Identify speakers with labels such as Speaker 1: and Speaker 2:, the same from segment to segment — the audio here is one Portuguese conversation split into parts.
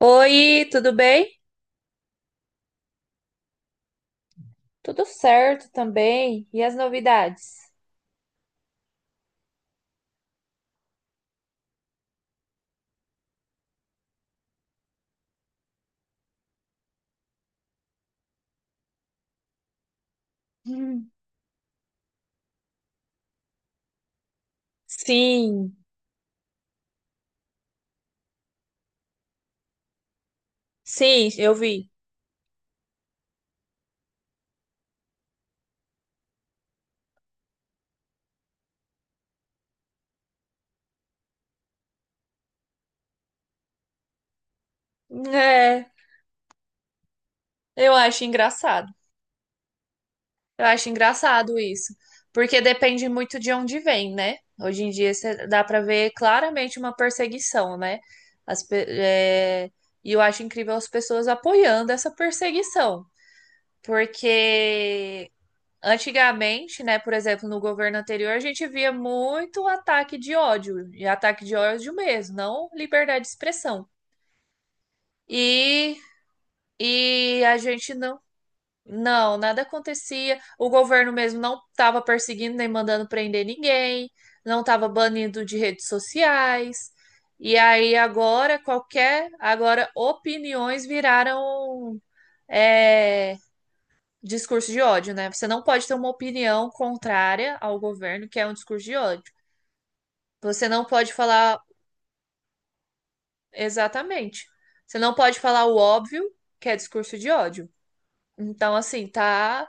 Speaker 1: Oi, tudo bem? Tudo certo também. E as novidades? Hum. Sim, sim, eu vi. É, eu acho engraçado. Eu acho engraçado isso, porque depende muito de onde vem, né? Hoje em dia dá pra ver claramente uma perseguição, né? As pe- é, E eu acho incrível as pessoas apoiando essa perseguição, porque antigamente, né, por exemplo, no governo anterior, a gente via muito ataque de ódio, e ataque de ódio mesmo, não liberdade de expressão. E, e a gente não, não, Nada acontecia. O governo mesmo não estava perseguindo nem mandando prender ninguém, não estava banindo de redes sociais. E aí agora agora opiniões viraram é, discurso de ódio, né? Você não pode ter uma opinião contrária ao governo, que é um discurso de ódio. Você não pode falar exatamente. Você não pode falar o óbvio, que é discurso de ódio. Então, assim, tá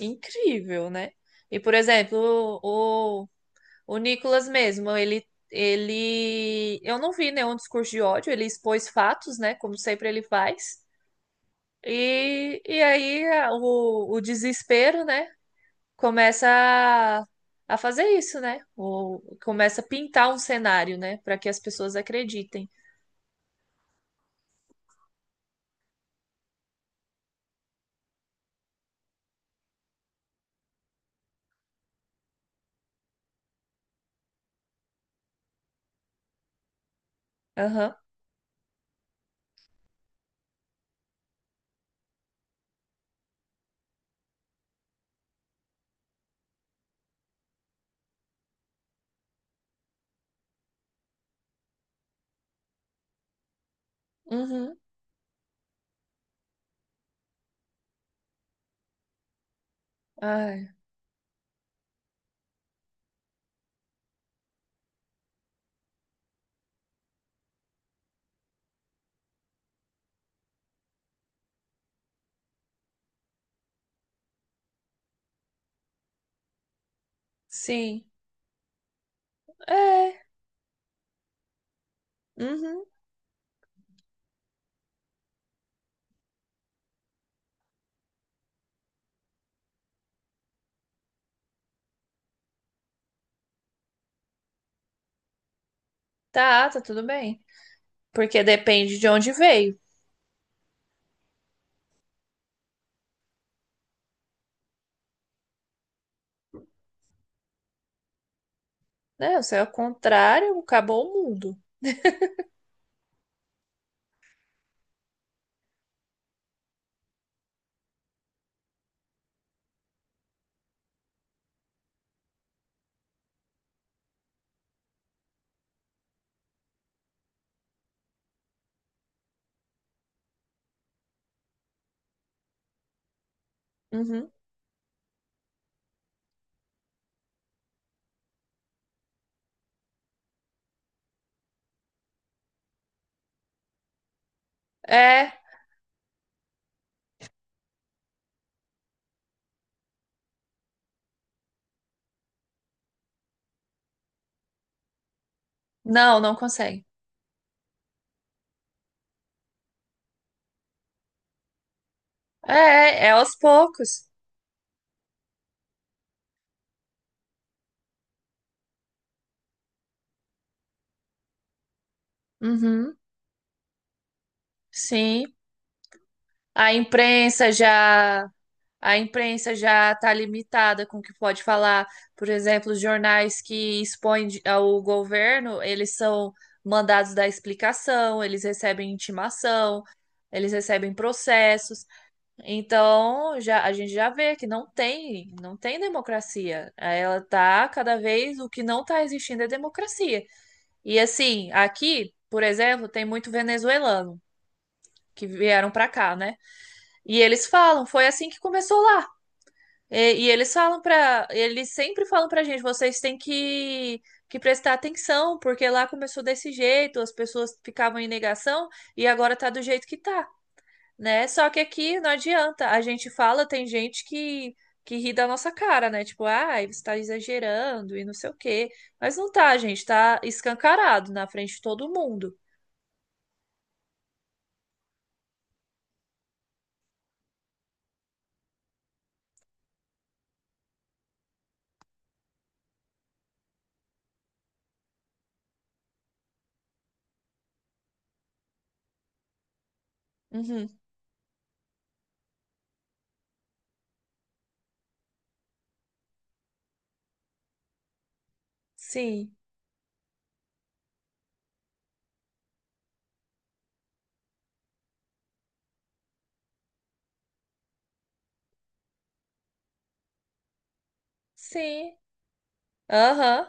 Speaker 1: incrível, né? E, por exemplo, o Nicolas mesmo, ele, ele. Eu não vi nenhum discurso de ódio, ele expôs fatos, né? Como sempre ele faz. O desespero, né? Começa a fazer isso, né? Ou começa a pintar um cenário, né? Para que as pessoas acreditem. Aham. Uhum. Ai, sim. É. Uhum. Tá, tudo bem. Porque depende de onde veio, né? Se é o contrário, acabou o mundo. Uhum. É. Não, não consegue. É, é aos poucos. Uhum. Sim. A imprensa já A imprensa já está limitada com o que pode falar. Por exemplo, os jornais que ao governo, eles são mandados dar explicação, eles recebem intimação, eles recebem processos. Então, já a gente já vê que não tem democracia. Ela tá cada vez o que não está existindo é democracia. E assim, aqui, por exemplo, tem muito venezuelano que vieram para cá, né? E eles falam, foi assim que começou lá. Eles sempre falam pra gente, vocês têm que prestar atenção, porque lá começou desse jeito, as pessoas ficavam em negação e agora tá do jeito que tá, né? Só que aqui não adianta, a gente fala, tem gente que ri da nossa cara, né? Tipo, ai, você tá exagerando e não sei o quê. Mas não tá, gente, tá escancarado na frente de todo mundo. Uhum. Sim, sim, aham.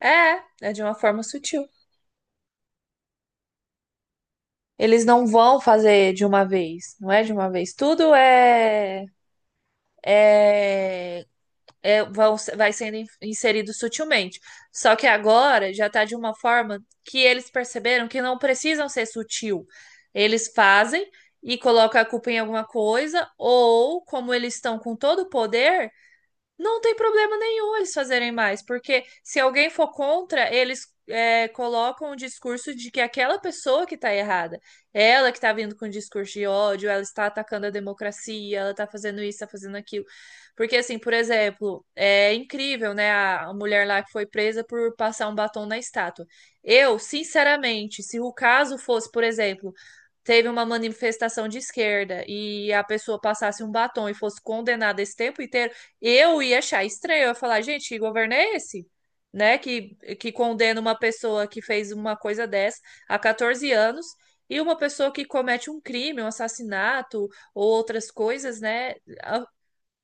Speaker 1: É, é de uma forma sutil. Eles não vão fazer de uma vez, não é de uma vez. Tudo é, vai sendo inserido sutilmente. Só que agora já está de uma forma que eles perceberam que não precisam ser sutil. Eles fazem e colocam a culpa em alguma coisa, ou como eles estão com todo o poder. Não tem problema nenhum eles fazerem mais, porque se alguém for contra, eles colocam o discurso de que aquela pessoa que tá errada, ela que tá vindo com discurso de ódio, ela está atacando a democracia, ela tá fazendo isso, tá fazendo aquilo. Porque, assim, por exemplo, é incrível, né, a mulher lá que foi presa por passar um batom na estátua. Eu, sinceramente, se o caso fosse, por exemplo, teve uma manifestação de esquerda e a pessoa passasse um batom e fosse condenada esse tempo inteiro. Eu ia achar estranho, eu ia falar, gente, que governo é esse? Né? Que condena uma pessoa que fez uma coisa dessa a 14 anos e uma pessoa que comete um crime, um assassinato ou outras coisas, né? a-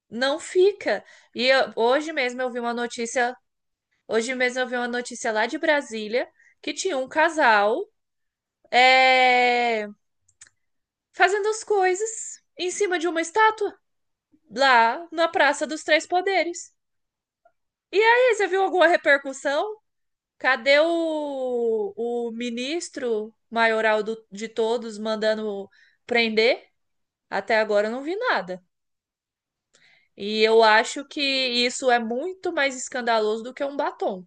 Speaker 1: Não fica. Hoje mesmo eu vi uma notícia, hoje mesmo eu vi uma notícia lá de Brasília que tinha um casal é, fazendo as coisas em cima de uma estátua lá na Praça dos Três Poderes. E aí, você viu alguma repercussão? Cadê o ministro maioral de todos mandando prender? Até agora eu não vi nada. E eu acho que isso é muito mais escandaloso do que um batom.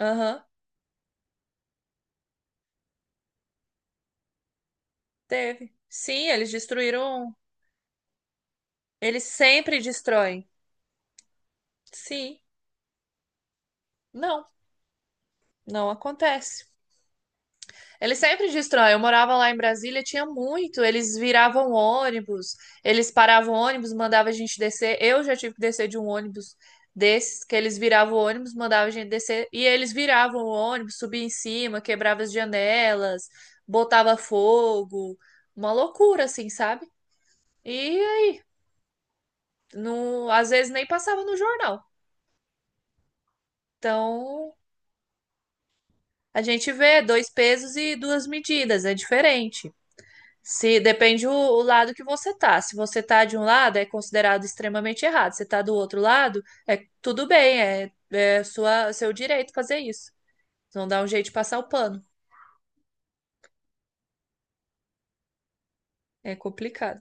Speaker 1: Aham, teve. Sim, eles destruíram. Eles sempre destroem. Sim, não, não acontece. Eles sempre destroem. Eu morava lá em Brasília, tinha muito. Eles viravam ônibus, eles paravam ônibus, mandavam a gente descer. Eu já tive que descer de um ônibus desses, que eles viravam o ônibus, mandavam a gente descer. E eles viravam o ônibus, subia em cima, quebrava as janelas, botava fogo. Uma loucura, assim, sabe? E aí, não, às vezes nem passava no jornal. Então, a gente vê dois pesos e duas medidas, é diferente. Se depende o lado que você tá. Se você tá de um lado, é considerado extremamente errado. Se tá do outro lado, é tudo bem, é, é seu direito fazer isso. Não dá um jeito de passar o pano. É complicado.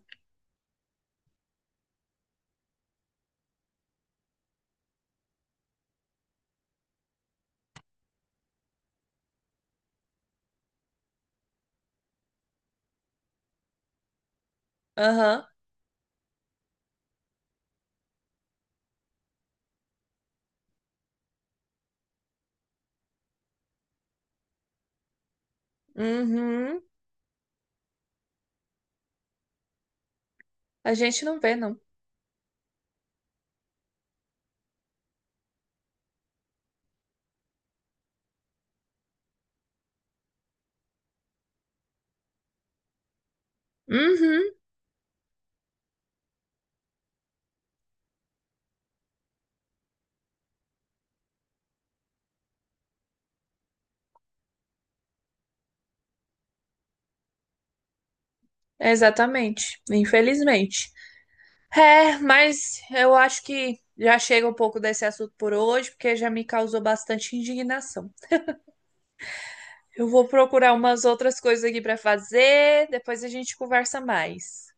Speaker 1: Aham. Uhum. A gente não vê, não. Uhum. Exatamente. Infelizmente. É, mas eu acho que já chega um pouco desse assunto por hoje, porque já me causou bastante indignação. Eu vou procurar umas outras coisas aqui para fazer, depois a gente conversa mais.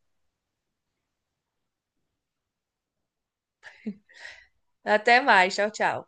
Speaker 1: Até mais, tchau, tchau.